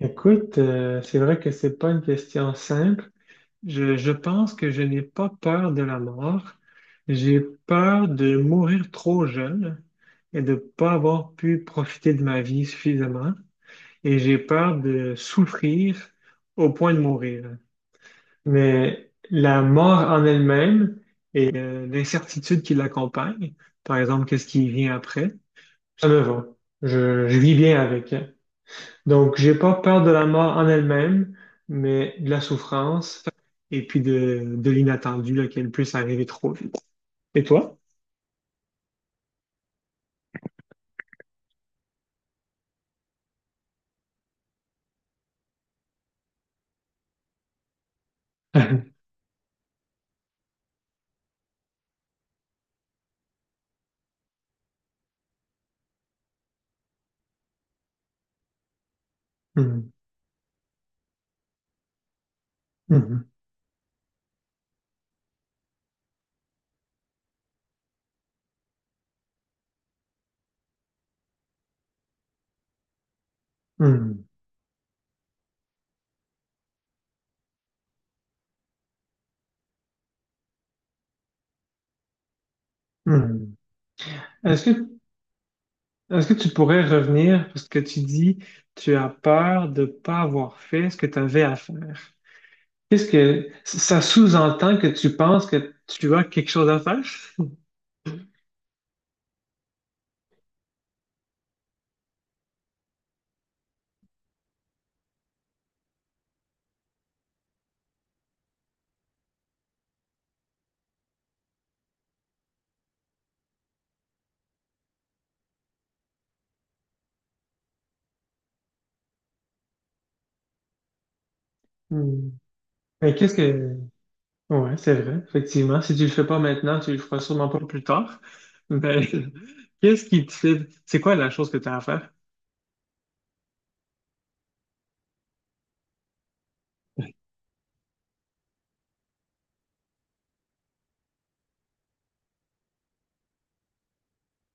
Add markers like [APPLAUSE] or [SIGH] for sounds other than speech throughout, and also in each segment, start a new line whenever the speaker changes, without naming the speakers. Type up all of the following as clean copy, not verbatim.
Écoute, c'est vrai que c'est pas une question simple. Je pense que je n'ai pas peur de la mort. J'ai peur de mourir trop jeune et de pas avoir pu profiter de ma vie suffisamment. Et j'ai peur de souffrir au point de mourir. Mais la mort en elle-même et l'incertitude qui l'accompagne, par exemple, qu'est-ce qui vient après, ça me va. Je vis bien avec, hein. Donc, j'ai pas peur de la mort en elle-même, mais de la souffrance et puis de l'inattendu, là, qu'elle puisse arriver trop vite. Et toi? [LAUGHS] Hum, hum, hum, hum. Est-ce que, est-ce que tu pourrais revenir, parce que tu dis, tu as peur de pas avoir fait ce que tu avais à faire. Qu'est-ce que ça sous-entend que tu penses que tu as quelque chose à faire? Hmm. Mais Ouais, c'est vrai, effectivement. Si tu le fais pas maintenant, tu le feras sûrement pas plus tard. Mais [LAUGHS] qu'est-ce qui te fait... C'est quoi la chose que tu as à faire?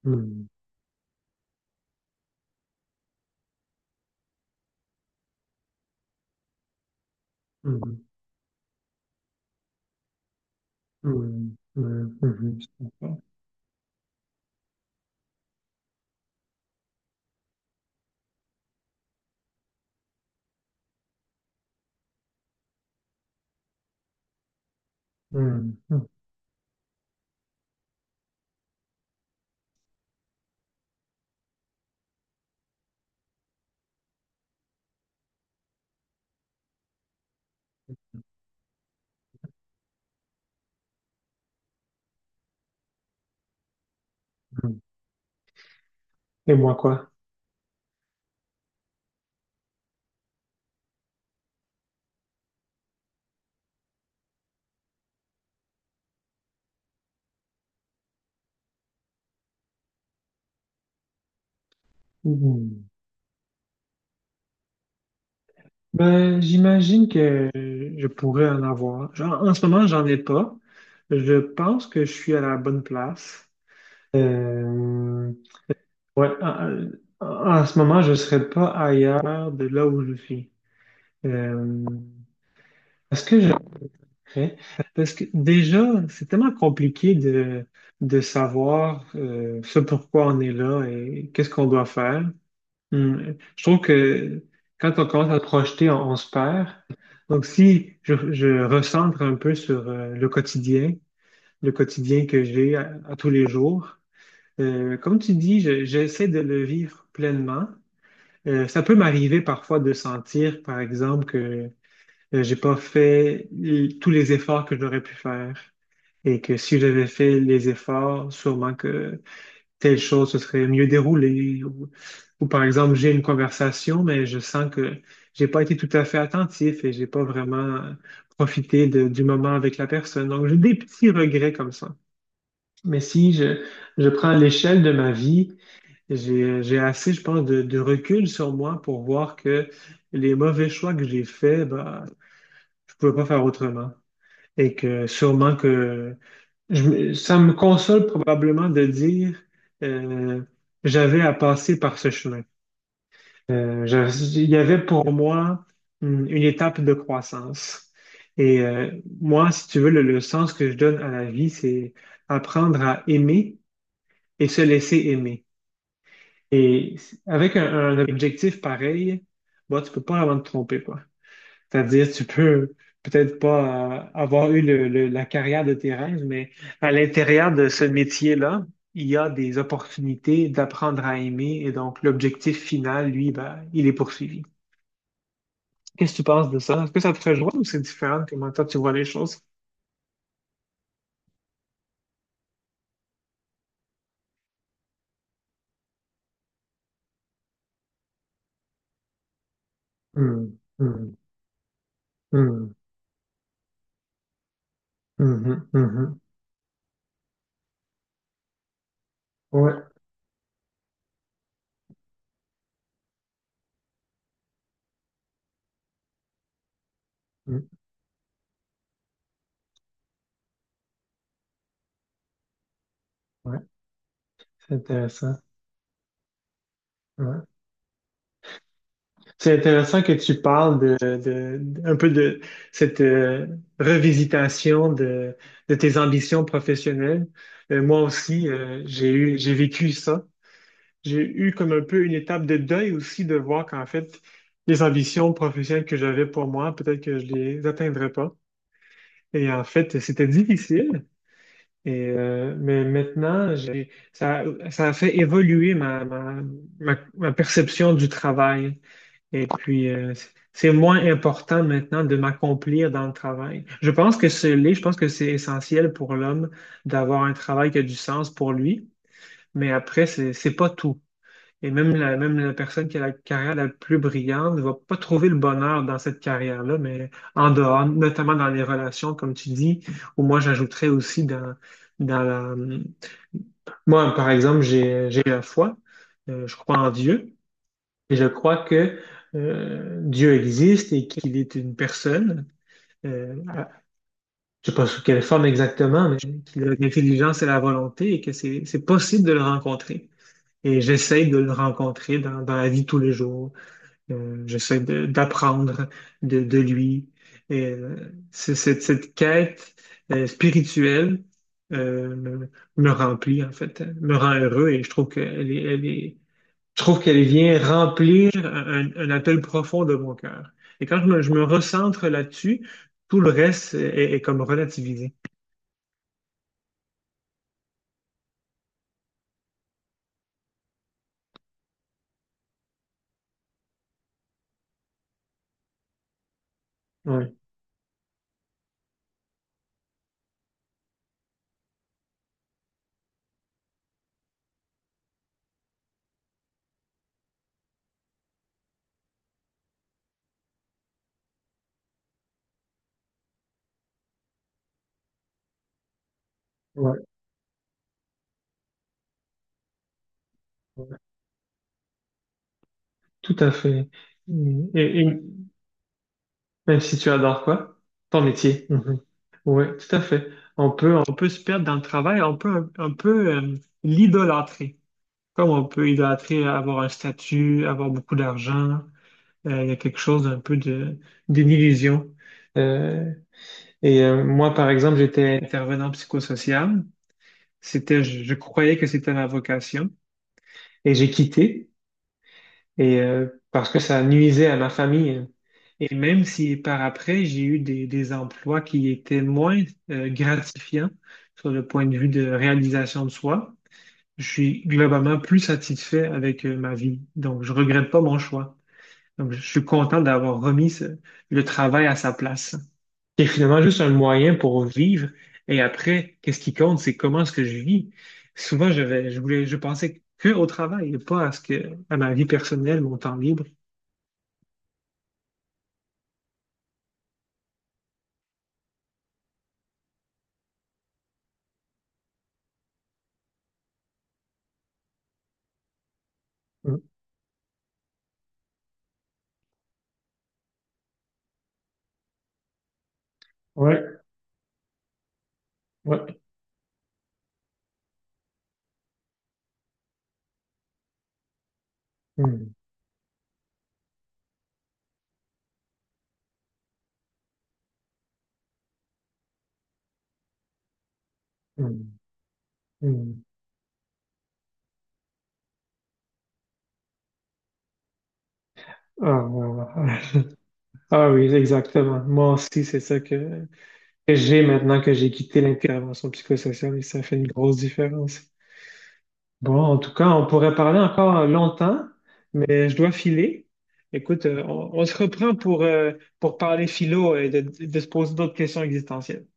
Hmm, hmm, hmm, hmm, hmm, hmm, je comprends. Hmm, hmm, hmm. Et moi, quoi? Ben, j'imagine que je pourrais en avoir. Genre, en ce moment, j'en ai pas. Je pense que je suis à la bonne place. Euh, ouais, en- en ce moment, je serais pas ailleurs de là où je suis. Euh, est-ce que je pourrais? Parce que déjà, c'est tellement compliqué de savoir ce pourquoi on est là et qu'est-ce qu'on doit faire. Hmm. Je trouve que quand on commence à se projeter, on se perd. Donc, si je recentre un peu sur le quotidien que à tous les jours, comme tu dis, j'essaie de le vivre pleinement. Ça peut m'arriver parfois de sentir, par exemple, que j'ai pas fait tous les efforts que j'aurais pu faire et que si j'avais fait les efforts, sûrement que telle chose se serait mieux déroulée. Ou par exemple, j'ai une conversation, mais je sens que j'ai pas été tout à fait attentif et j'ai pas vraiment du moment avec la personne. Donc, j'ai des petits regrets comme ça. Mais si je prends l'échelle de ma vie, j'ai assez, je pense, de recul sur moi pour voir que les mauvais choix que j'ai faits, ben je pouvais pas faire autrement. Et que sûrement que ça me console probablement de dire euh, j'avais à passer par ce chemin. Il y avait pour moi une étape de croissance. Et moi, si tu veux, le sens que je donne à la vie, c'est apprendre à aimer et se laisser aimer. Et avec un objectif pareil, bon, tu peux pas vraiment te tromper, quoi. C'est-à-dire, tu peux peut-être pas avoir la carrière de tes rêves, mais à l'intérieur de ce métier-là, il y a des opportunités d'apprendre à aimer et donc l'objectif final, lui, ben, il est poursuivi. Qu'est-ce que tu penses de ça? Est-ce que ça te rejoint ou c'est différent de comment toi tu vois les choses? Hum, hum, hum, hum, hum, hum. Ouais, hum, ouais, c'est intéressant. C'est intéressant que tu parles un peu de cette revisitation de tes ambitions professionnelles. Moi aussi, j'ai vécu ça. J'ai eu comme un peu une étape de deuil aussi de voir qu'en fait, les ambitions professionnelles que j'avais pour moi, peut-être que je les atteindrais pas. Et en fait, c'était difficile. Et mais maintenant, ça a fait évoluer ma perception du travail. Et puis, c'est moins important maintenant de m'accomplir dans le travail. Je pense que ce l'est, je pense que c'est essentiel pour l'homme d'avoir un travail qui a du sens pour lui, mais après, c'est pas tout. Et même même la personne qui a la carrière la plus brillante ne va pas trouver le bonheur dans cette carrière-là, mais en dehors, notamment dans les relations, comme tu dis, ou moi j'ajouterais aussi dans la... Moi, par exemple, j'ai la foi. Je crois en Dieu. Et je crois que Dieu existe et qu'il est une personne, euh, à- je ne sais pas sous quelle forme exactement, mais qu'il a l'intelligence et la volonté et que c'est possible de le rencontrer. Et j'essaie de le rencontrer dans la vie de tous les jours. D'apprendre de lui. Et cette, cette quête spirituelle euh, me, me remplit, en fait, me rend heureux et je trouve qu'elle est, elle est je trouve qu'elle vient remplir un appel profond de mon cœur. Et quand je me recentre là-dessus, tout le reste est comme relativisé. Oui, ouais, ouais. Tout à fait. Et même si tu adores quoi? Ton métier. Oui, tout à fait. On peut se perdre dans le travail, on peut un peu l'idolâtrer. Comme on peut idolâtrer avoir un statut, avoir beaucoup d'argent, il y a quelque chose d'un peu d'une illusion. Et moi, par exemple, j'étais intervenant psychosocial. Je croyais que c'était ma vocation et j'ai quitté parce que ça nuisait à ma famille. Et même si par après, j'ai eu des emplois qui étaient moins gratifiants sur le point de vue de réalisation de soi, je suis globalement plus satisfait avec ma vie. Donc, je regrette pas mon choix. Donc, je suis content d'avoir le travail à sa place. C'est finalement juste un moyen pour vivre. Et après, qu'est-ce qui compte, c'est comment est-ce que je vis. Souvent, je vais- je voulais, je pensais que au travail, et pas à ce que, à ma vie personnelle, mon temps libre. Mm. Ouais, ouais. Mm, mm, mm. Ah, ouais, ouais. [LAUGHS] Ah oui, exactement. Moi aussi, c'est ça que j'ai maintenant que j'ai quitté l'intervention psychosociale et ça fait une grosse différence. Bon, en tout cas, on pourrait parler encore longtemps, mais je dois filer. Écoute, on se reprend pour parler philo et de se poser d'autres questions existentielles.